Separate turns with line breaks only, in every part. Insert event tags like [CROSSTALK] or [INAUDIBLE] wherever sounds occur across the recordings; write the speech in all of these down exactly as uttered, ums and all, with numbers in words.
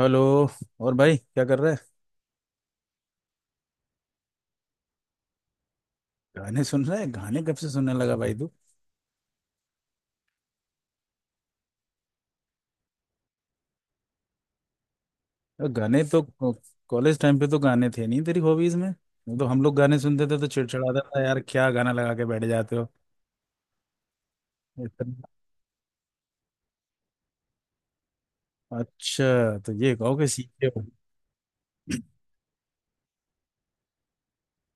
Hello. और भाई क्या कर रहा है। गाने सुन रहा है, गाने कब से सुनने लगा भाई तू? अ, गाने तो कॉलेज टाइम पे तो गाने थे नहीं तेरी हॉबीज में, नहीं तो हम लोग गाने सुनते थे तो चिड़चिड़ाता था यार, क्या गाना लगा के बैठ जाते हो। इतना- अच्छा तो ये कहो कि सीखे हो।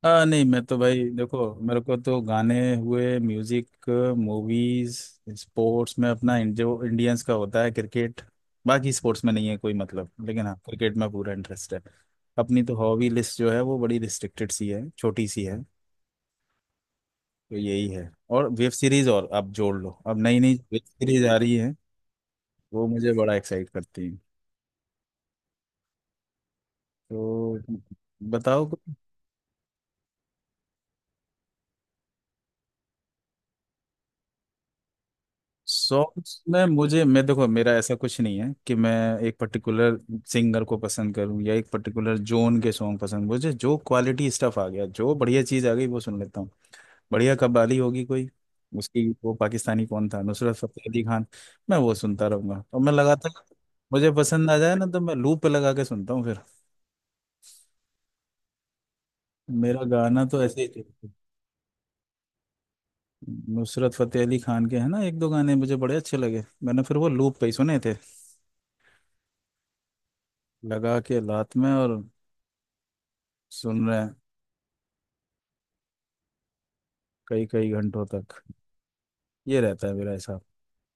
आ, नहीं मैं तो भाई देखो, मेरे को तो गाने हुए, म्यूजिक, मूवीज, स्पोर्ट्स में अपना इन- जो इंडियंस का होता है क्रिकेट। बाकी स्पोर्ट्स में नहीं है कोई मतलब, लेकिन हाँ क्रिकेट में पूरा इंटरेस्ट है। अपनी तो हॉबी लिस्ट जो है वो बड़ी रिस्ट्रिक्टेड सी है, छोटी सी है। तो यही है, और वेब सीरीज, और अब जोड़ लो, अब नई नई वेब सीरीज आ रही है, वो मुझे बड़ा एक्साइट करती है। तो बताओ। सॉन्ग्स में मुझे, मैं देखो, मेरा ऐसा कुछ नहीं है कि मैं एक पर्टिकुलर सिंगर को पसंद करूं या एक पर्टिकुलर जोन के सॉन्ग पसंद, मुझे जो क्वालिटी स्टफ आ गया, जो बढ़िया चीज़ आ गई वो सुन लेता हूँ। बढ़िया कव्वाली होगी कोई, उसकी, वो पाकिस्तानी कौन था, नुसरत फतेह अली खान, मैं वो सुनता रहूंगा और मैं लगातार, मुझे पसंद आ जाए ना तो मैं लूप पे लगा के सुनता हूँ फिर। मेरा गाना तो ऐसे ही चलता है। नुसरत फतेह अली खान के है ना एक दो गाने मुझे बड़े अच्छे लगे, मैंने फिर वो लूप पे ही सुने थे। लगा के लात में और सुन रहे हैं, कई कई घंटों तक, ये रहता है मेरा हिसाब।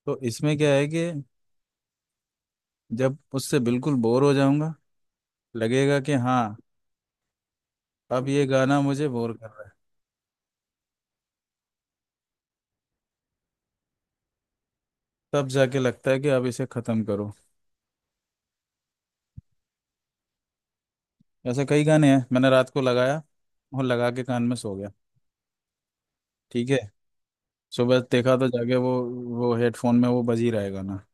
तो इसमें क्या है कि जब उससे बिल्कुल बोर हो जाऊंगा, लगेगा कि हाँ अब ये गाना मुझे बोर कर रहा है, तब जाके लगता है कि अब इसे खत्म करो। ऐसे कई गाने हैं, मैंने रात को लगाया और लगा के कान में सो गया, ठीक है, सुबह देखा तो जाके वो वो हेडफोन में वो बज ही रहा है गाना।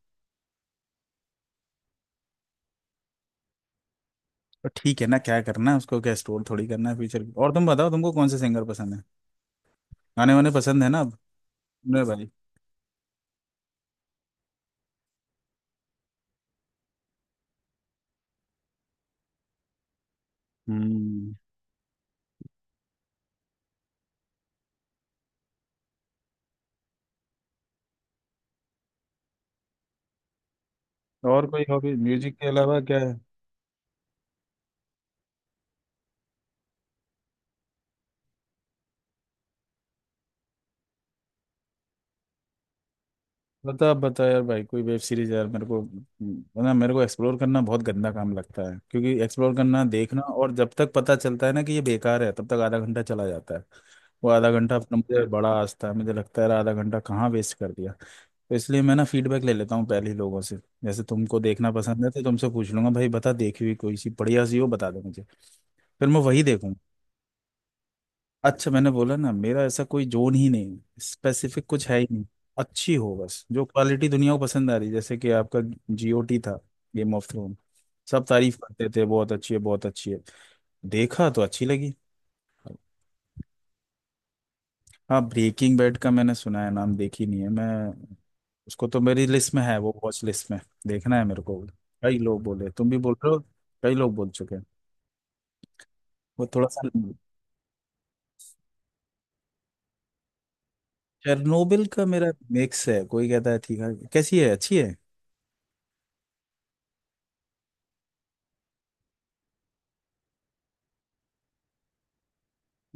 तो ठीक है ना, क्या करना है उसको, क्या स्टोर थोड़ी करना है फ्यूचर। और तुम बताओ, तुमको कौन से सिंगर पसंद है, गाने वाने पसंद है ना अब, मेरे भाई। हम्म। और कोई हॉबी म्यूजिक के अलावा क्या है? बता बता यार भाई, कोई वेब सीरीज यार मेरे को। ना, मेरे को एक्सप्लोर करना बहुत गंदा काम लगता है, क्योंकि एक्सप्लोर करना, देखना, और जब तक पता चलता है ना कि ये बेकार है तब तक आधा घंटा चला जाता है। वो आधा घंटा अपना, मुझे बड़ा आस्था है, मुझे लगता है यार आधा घंटा कहाँ वेस्ट कर दिया, तो इसलिए मैं ना फीडबैक ले लेता हूँ पहले ही लोगों से। जैसे तुमको देखना पसंद है तो तुमसे पूछ लूंगा भाई, बता, देखी हुई कोई सी बढ़िया सी हो बता दो मुझे, फिर मैं वही देखूंगा। अच्छा, मैंने बोला ना मेरा ऐसा कोई जोन ही नहीं, स्पेसिफिक कुछ है ही नहीं। अच्छी हो बस, जो क्वालिटी दुनिया को पसंद आ रही, जैसे कि आपका जीओटी था, गेम ऑफ थ्रोन, सब तारीफ करते थे बहुत अच्छी है बहुत अच्छी है, देखा तो अच्छी लगी। हाँ, ब्रेकिंग बैड का मैंने सुना है नाम, देखी नहीं है मैं। उसको तो मेरी लिस्ट में है वो, वॉच लिस्ट में, देखना है मेरे को। कई लोग बोले, तुम भी बोल रहे हो, कई लोग बोल चुके हैं, वो थोड़ा सा। चेरनोबिल का मेरा मिक्स है, कोई कहता है ठीक है, कैसी है अच्छी है।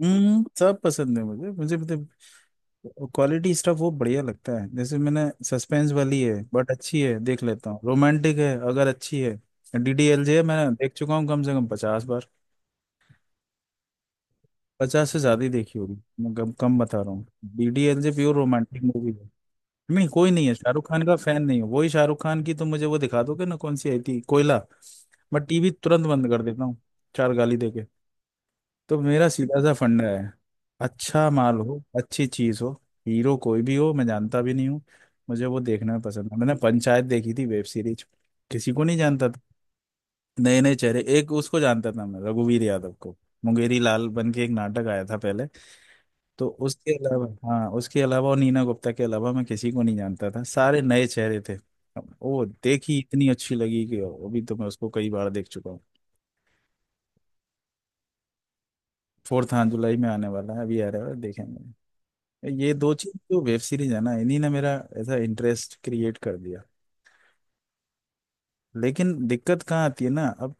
हम्म, सब पसंद है मुझे मुझे मतलब क्वालिटी स्टफ वो बढ़िया लगता है, जैसे मैंने, सस्पेंस वाली है बट अच्छी है देख लेता हूँ, रोमांटिक है अगर अच्छी है। डीडीएलजे मैंने देख चुका हूँ कम से कम पचास बार, पचास से ज्यादा ही देखी होगी, मैं कम कम बता रहा हूँ। डीडीएलजे प्योर रोमांटिक मूवी है। नहीं, कोई नहीं है, शाहरुख खान का फैन नहीं हूँ। वही शाहरुख खान की तो, मुझे वो दिखा दोगे ना, कौन सी आई थी, कोयला, मैं टीवी तुरंत बंद कर देता हूँ। चार गाली दे, तो मेरा सीधा सा फंडा है, अच्छा माल हो, अच्छी चीज हो, हीरो कोई भी हो, मैं जानता भी नहीं हूँ, मुझे वो देखना भी पसंद है। मैंने पंचायत देखी थी वेब सीरीज, किसी को नहीं जानता था, नए नए चेहरे, एक उसको जानता था मैं, रघुवीर यादव को, मुंगेरी लाल बन के एक नाटक आया था पहले, तो उसके अलावा, हाँ उसके अलावा और नीना गुप्ता के अलावा मैं किसी को नहीं जानता था, सारे नए चेहरे थे। अब वो देखी इतनी अच्छी लगी कि अभी तो मैं उसको कई बार देख चुका हूँ। फोर्थ हाँ, जुलाई में आने वाला है, अभी आ रहा है, देखेंगे। ये दो चीज जो वेब सीरीज है ना, इन्हीं ने मेरा ऐसा इंटरेस्ट क्रिएट कर दिया। लेकिन दिक्कत कहाँ आती है ना अब,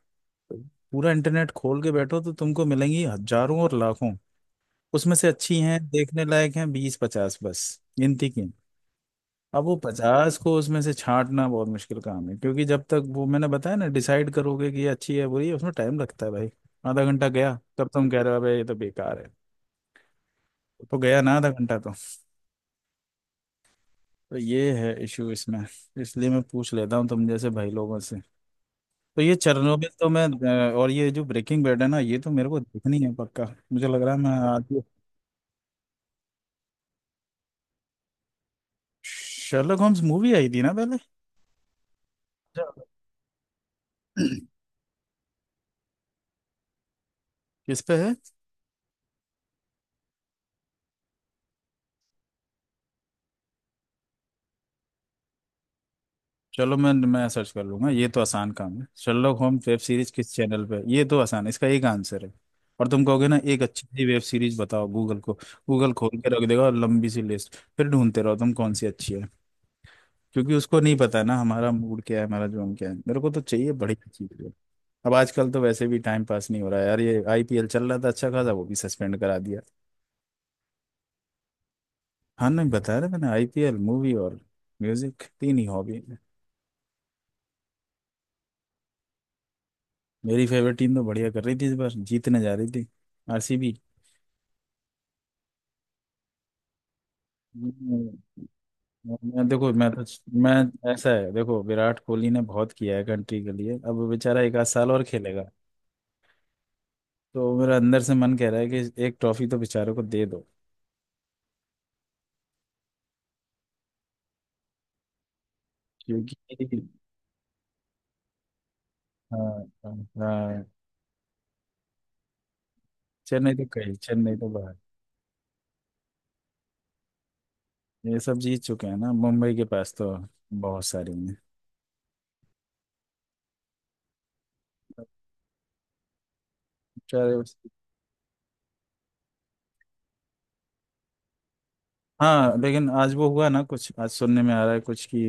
पूरा इंटरनेट खोल के बैठो तो तुमको मिलेंगी हजारों और लाखों, उसमें से अच्छी हैं देखने लायक हैं बीस पचास बस, गिनती की। अब वो पचास को उसमें से छांटना बहुत मुश्किल काम है, क्योंकि जब तक, वो मैंने बताया ना, डिसाइड करोगे कि ये अच्छी है बुरी है उसमें टाइम लगता है भाई। आधा घंटा गया तब तुम कह रहे हो भाई ये तो बेकार है, तो गया ना आधा घंटा तो। तो ये है इशू इसमें, इसलिए मैं पूछ लेता हूँ तुम जैसे भाई लोगों से। तो ये चेरनोबिल तो मैं, अ, और ये जो ब्रेकिंग बैड है ना, ये तो मेरे को देखनी है पक्का। मुझे लग रहा है मैं आज ही- शर्लक होम्स मूवी आई थी ना पहले। [CLEARS THROAT] अच्छा। किस पे है? चलो मैं मैं सर्च कर लूंगा, ये तो आसान काम है, शर्लक होम्स वेब सीरीज किस चैनल पे है? ये तो आसान है, इसका एक आंसर है। और तुम कहोगे ना एक अच्छी सी वेब सीरीज बताओ गूगल को, गूगल खोल के रख देगा और लंबी सी लिस्ट, फिर ढूंढते रहो तुम कौन सी अच्छी है। क्योंकि उसको नहीं पता ना हमारा मूड क्या है, हमारा जोन क्या है, मेरे को तो चाहिए बढ़िया चीज। अब आजकल तो वैसे भी टाइम पास नहीं हो रहा है यार, ये आईपीएल चल रहा था अच्छा खासा वो भी सस्पेंड करा दिया। हाँ, नहीं बताया था मैंने, आईपीएल, मूवी और म्यूजिक, तीन ही हॉबी है। मेरी फेवरेट टीम तो बढ़िया कर रही थी इस बार, जीतने जा रही थी, आरसीबी। मैं देखो मैं तो मैं ऐसा है देखो, विराट कोहली ने बहुत किया है कंट्री के लिए, अब वो बेचारा एक आध साल और खेलेगा, तो मेरा अंदर से मन कह रहा है कि एक ट्रॉफी तो बेचारे को दे दो। क्योंकि, हाँ हाँ, हाँ, चेन्नई तो, कही चेन्नई तो बाहर। ये सब जीत चुके हैं ना, मुंबई के पास तो बहुत सारी हैं। चलो। हाँ लेकिन आज वो हुआ ना कुछ, आज सुनने में आ रहा है कुछ कि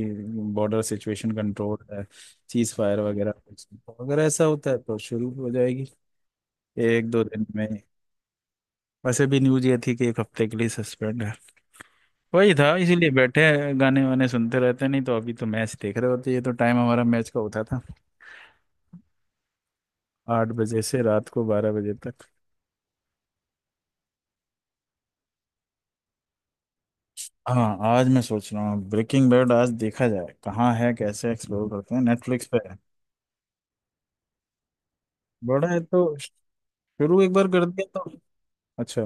बॉर्डर सिचुएशन कंट्रोल है, चीज फायर वगैरह कुछ, तो अगर ऐसा होता है तो शुरू हो जाएगी एक दो दिन में ही। वैसे भी न्यूज ये थी कि एक हफ्ते के लिए सस्पेंड है। वही था इसीलिए बैठे हैं, गाने वाने सुनते रहते हैं, नहीं तो अभी तो मैच देख रहे होते, ये तो टाइम हमारा मैच का होता था, आठ बजे से रात को बारह बजे तक। हाँ, आज मैं सोच रहा हूँ ब्रेकिंग बैड आज देखा जाए, कहाँ है, कैसे एक्सप्लोर करते हैं, नेटफ्लिक्स पे है। बड़ा है तो, शुरू एक बार कर दिया तो, अच्छा।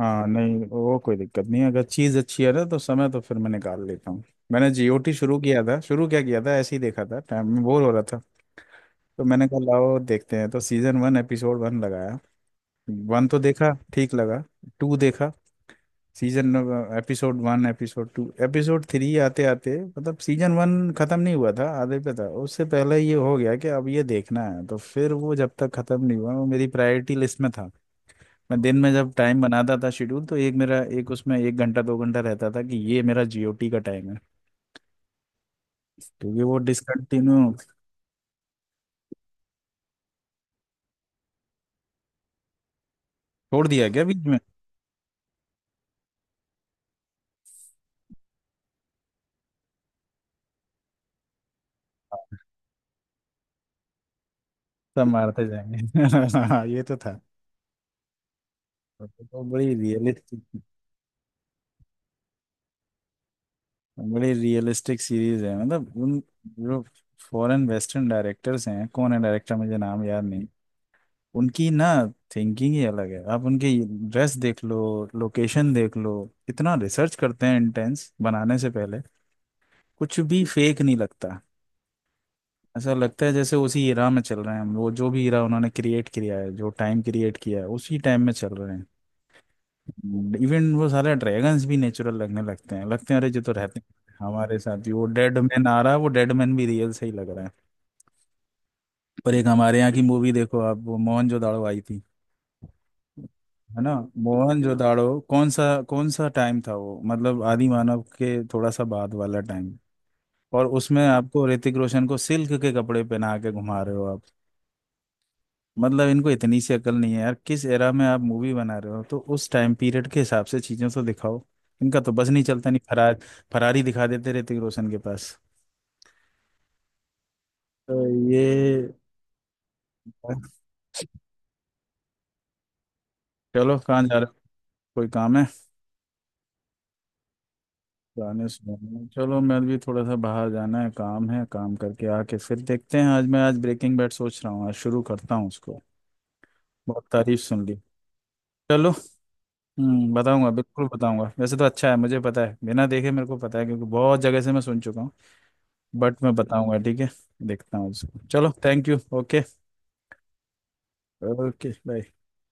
हाँ, नहीं वो कोई दिक्कत नहीं है, अगर चीज़ अच्छी है ना तो समय तो फिर मैं निकाल लेता हूँ। मैंने जीओटी शुरू किया था, शुरू क्या किया था, ऐसे ही देखा था, टाइम में बोर हो रहा था तो मैंने कहा लाओ देखते हैं, तो सीजन वन एपिसोड वन लगाया, वन तो देखा ठीक लगा, टू देखा, season episode one episode two episode three आते आते मतलब सीजन वन खत्म नहीं हुआ था, आधे पे था, उससे पहले ये हो गया कि अब ये देखना है, तो फिर वो जब तक खत्म नहीं हुआ वो मेरी प्रायोरिटी लिस्ट में था। मैं दिन में जब टाइम बनाता था शेड्यूल, तो एक मेरा, एक उसमें एक घंटा दो घंटा रहता था कि ये मेरा जीओटी का टाइम है, क्योंकि वो डिसकंटिन्यू छोड़ दिया गया बीच में। सब मारते जाएंगे। [LAUGHS] हाँ, ये तो था। तो बड़ी रियलिस्टिक, बड़ी रियलिस्टिक सीरीज है मतलब, उन, जो फॉरेन वेस्टर्न डायरेक्टर्स हैं, कौन है डायरेक्टर मुझे नाम याद नहीं, उनकी ना थिंकिंग ही अलग है। आप उनके ड्रेस देख लो, लोकेशन देख लो, इतना रिसर्च करते हैं, इंटेंस बनाने से पहले कुछ भी फेक नहीं लगता। ऐसा लगता है जैसे उसी इरा में चल रहे हैं हम, वो जो भी इरा उन्होंने क्रिएट किया है, जो टाइम क्रिएट किया है, उसी टाइम में चल रहे हैं। इवन वो सारे ड्रैगन्स भी नेचुरल लगने लगते हैं लगते हैं, अरे जो तो रहते हैं हमारे साथ ही, वो डेड मैन आ रहा है, वो डेड मैन भी रियल से ही लग रहा है। पर एक हमारे यहाँ की मूवी देखो आप, वो मोहनजोदाड़ो आई थी, है ना, मोहनजोदाड़ो कौन सा कौन सा टाइम था वो, मतलब आदि मानव के थोड़ा सा बाद वाला टाइम, और उसमें आपको ऋतिक रोशन को सिल्क के कपड़े पहना के घुमा रहे हो आप। मतलब इनको इतनी सी अकल नहीं है यार, किस एरा में आप मूवी बना रहे हो तो उस टाइम पीरियड के हिसाब से चीजें तो दिखाओ। इनका तो बस नहीं चलता, नहीं, फरार, फरारी दिखा देते ऋतिक रोशन के पास। तो ये, चलो कहाँ जा रहे हो, कोई काम है? गाने सुनो, चलो मैं भी, थोड़ा सा बाहर जाना है, काम है, काम करके आके फिर देखते हैं, आज मैं, आज ब्रेकिंग बैड सोच रहा हूँ, आज शुरू करता हूँ उसको, बहुत तारीफ सुन ली। चलो, हम्म, बताऊंगा, बिल्कुल बताऊंगा, वैसे तो अच्छा है मुझे पता है, बिना देखे मेरे को पता है क्योंकि बहुत जगह से मैं सुन चुका हूँ, बट मैं बताऊंगा, ठीक है, देखता हूँ उसको। चलो, thank you, okay. Okay, bye.